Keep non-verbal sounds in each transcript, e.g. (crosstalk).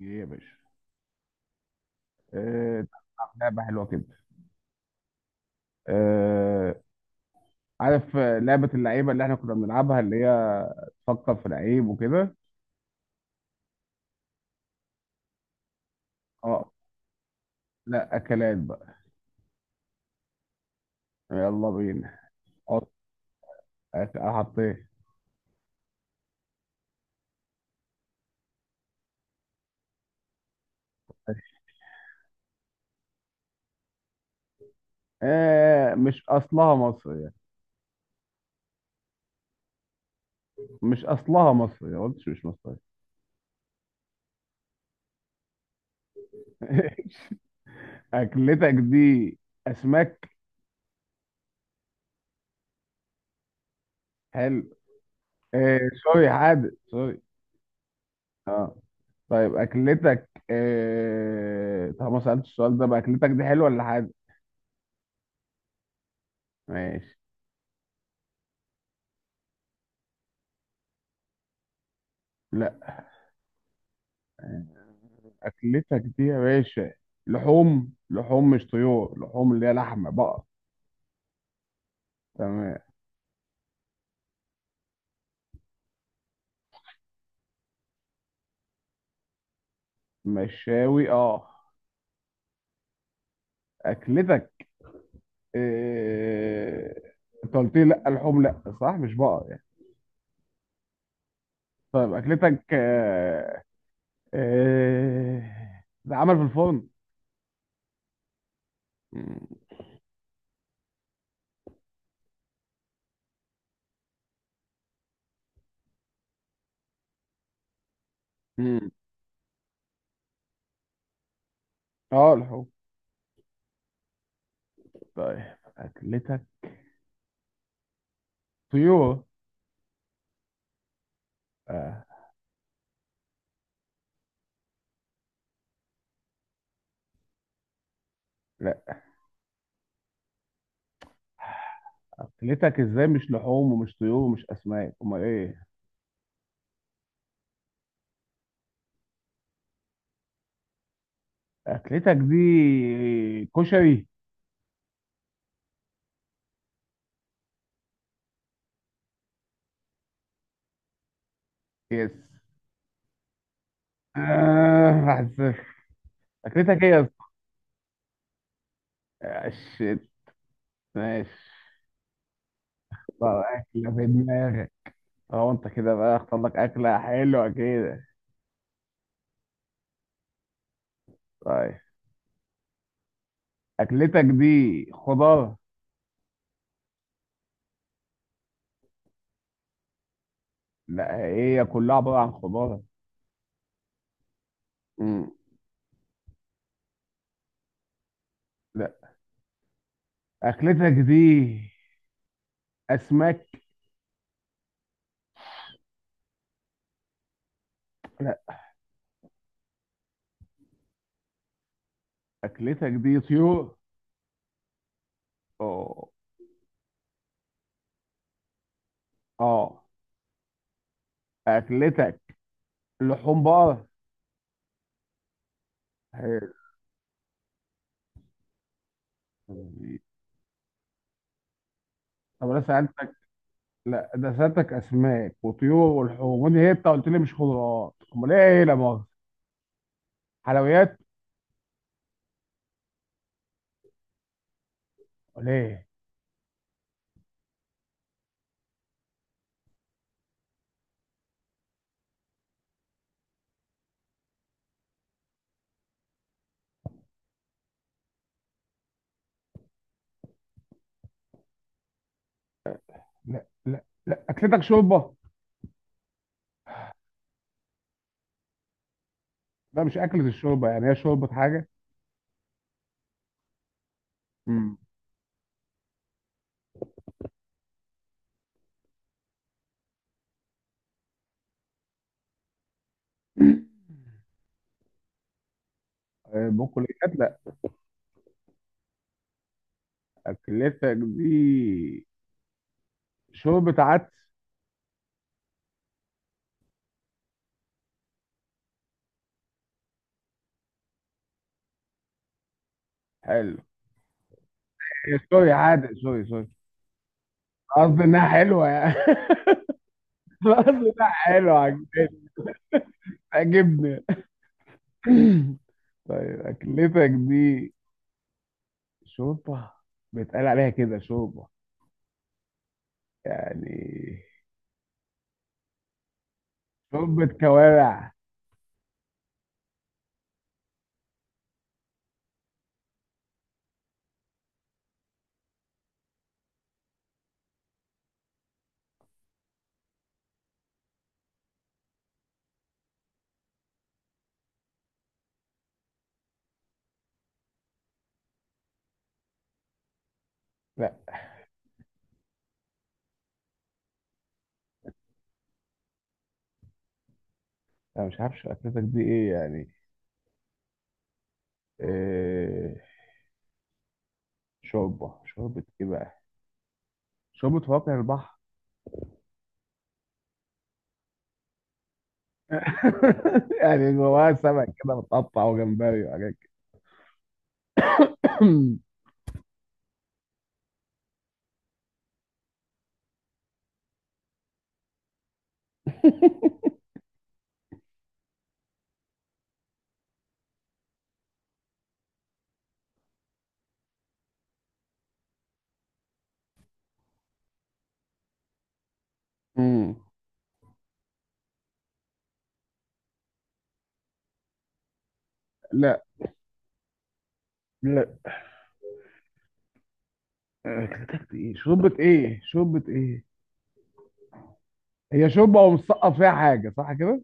ايه يا باشا. آه، تلعب لعبة حلوة كده؟ آه، عارف لعبة اللعيبة اللي احنا كنا بنلعبها اللي هي تفكر في لعيب وكده. اه، لا أكلات بقى. يلا بينا. حط حطيت. آه، مش أصلها مصرية، ما قلتش مش مصرية. (laughs) أكلتك دي أسماك؟ حلو. آه، سوري، حادق سوري. اه، طيب أكلتك طب ما سألتش السؤال ده بقى، أكلتك دي حلوة ولا حادق؟ ماشي. لا. آه، اكلتك دي يا باشا لحوم، لحوم مش طيور، لحوم اللي هي لحمه بقر؟ تمام. مشاوي، اه. اكلتك إيه؟ انت قلت لي لا لحوم، لا صح مش بقر يعني. طيب اكلتك ده عمل في الفرن؟ مم. مم. اه لحوم. طيب اكلتك طيور؟ آه. لا. اكلتك ازاي مش لحوم ومش طيور ومش اسماك، امال ايه؟ اكلتك دي كشري؟ يس. آه، 1-0. اكلتك ايه يا اسطى؟ آه، شيت. ماشي. طب اكله في دماغك؟ اه، انت كده بقى اختار لك اكله حلوه كده. طيب اكلتك دي خضار؟ لا، هي كلها عباره عن خضار. مم. لا. اكلتك دي اسماك؟ لا. اكلتك دي طيور؟ اه. اه. اكلتك لحوم بقر؟ حلو. طب انا سالتك. لا ده سالتك اسماك وطيور ولحوم، وانت انت قلت لي مش خضروات، امال ايه؟ لا مؤاخذه، حلويات؟ امال ايه؟ لا لا لا، اكلتك شوربه. ده مش اكله الشوربه يعني، هي شوربه حاجه. امم. (clears throat) آه، بقوليات لا. اكلتك دي شوربه عدس؟ حلو. إيه، سوري عادي، سوري سوري. قصدي انها حلوه يعني. (laughs) قصدي انها حلوه عجبتني. عجبني. (clears throat) طيب اكلتك دي شوربه، بيتقال عليها كده شوربه يعني؟ شوربة كوارع؟ لا. انا مش عارف اكلتك دي ايه يعني. إيه، شوربة، شوربة ايه بقى؟ شوربة فواكه البحر؟ (laughs) يعني جواها سمك كده متقطع وجمبري وحاجات كده. (coughs) أمم. لا. لا اكلتك دي ايه، شوربة ايه، شوربة ايه؟ هي شوربة ومسقط فيها حاجة، صح كده؟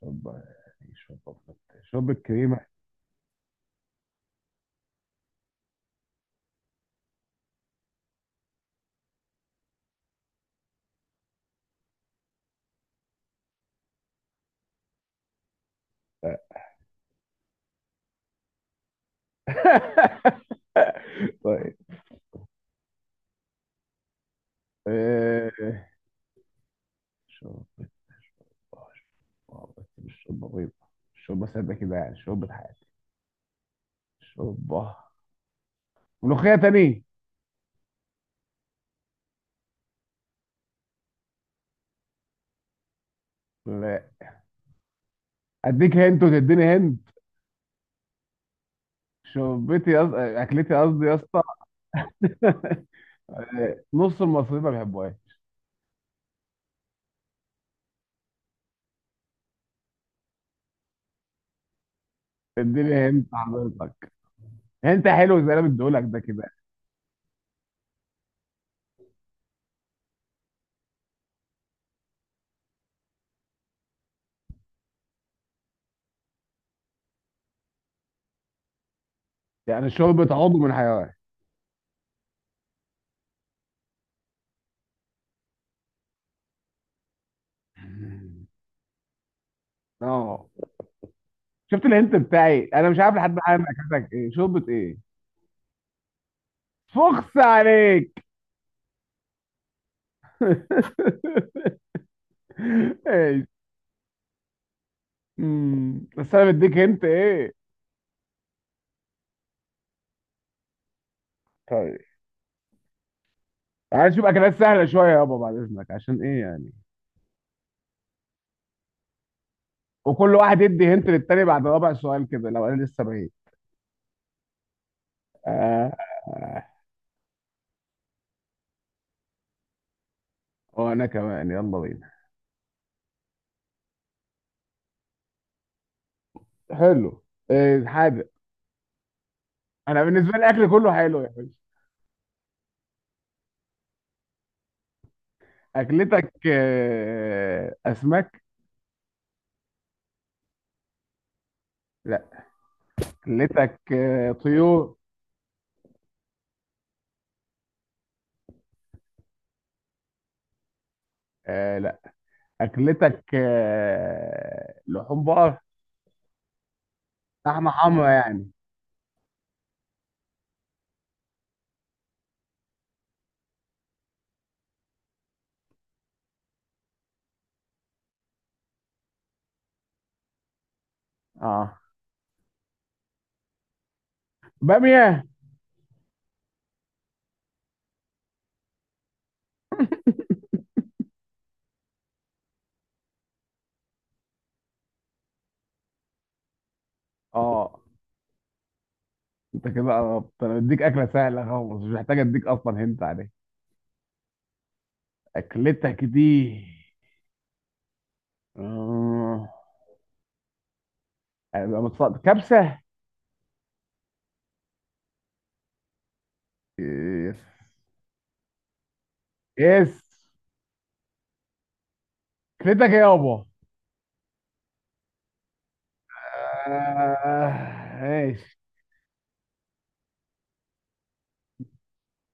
شوربة يعني شوربة. شوربة كريمة؟ (laughs) طيب. آه، شوربة، شوربة، شوربة، بس مش شوربة بيضة. شوربة سادة كده يعني، شوربة حياتي. شوربة ملوخية تاني؟ لا. أديك هنت وتديني هنت. أكلتي قصدي يا اسطى. (laughs) نص المصريين ما بيحبوهاش. اديني هنت حضرتك. هنت حلو زي اللي أنا مديهولك ده كده. يعني شوربة عضو من حيوان؟ اه. شفت الهنت بتاعي، انا مش عارف لحد الان اكلتك ايه، شوربة ايه. فخس عليك. (laughs) بس انا مديك انت ايه. طيب تعال نشوف اكلات سهله شويه يابا بعد اذنك، عشان ايه يعني؟ وكل واحد يدي هنت للتاني بعد رابع سؤال كده، لو انا لسه بعيد. آه. آه. وانا كمان يلا بينا. حلو. إيه حاجه. انا بالنسبه لي الاكل كله حلو يا باشا. اكلتك اسماك؟ لا. اكلتك طيور؟ آه، لا. اكلتك لحوم بقر؟ لحمه حمرا يعني. اه. باميه؟ اه. انت كده قربت، انا بديك اكله سهله خالص مش محتاج اديك اصلا هنت عليها. اكلتك دي آه، كبسه؟ يس. يس. اكلتك ايه يابا؟ آه، ماشي.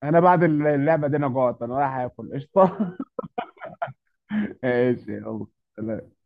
انا بعد اللعبه دي انا جوعت، انا رايح اكل قشطه. (laughs) ماشي يلا. سلام.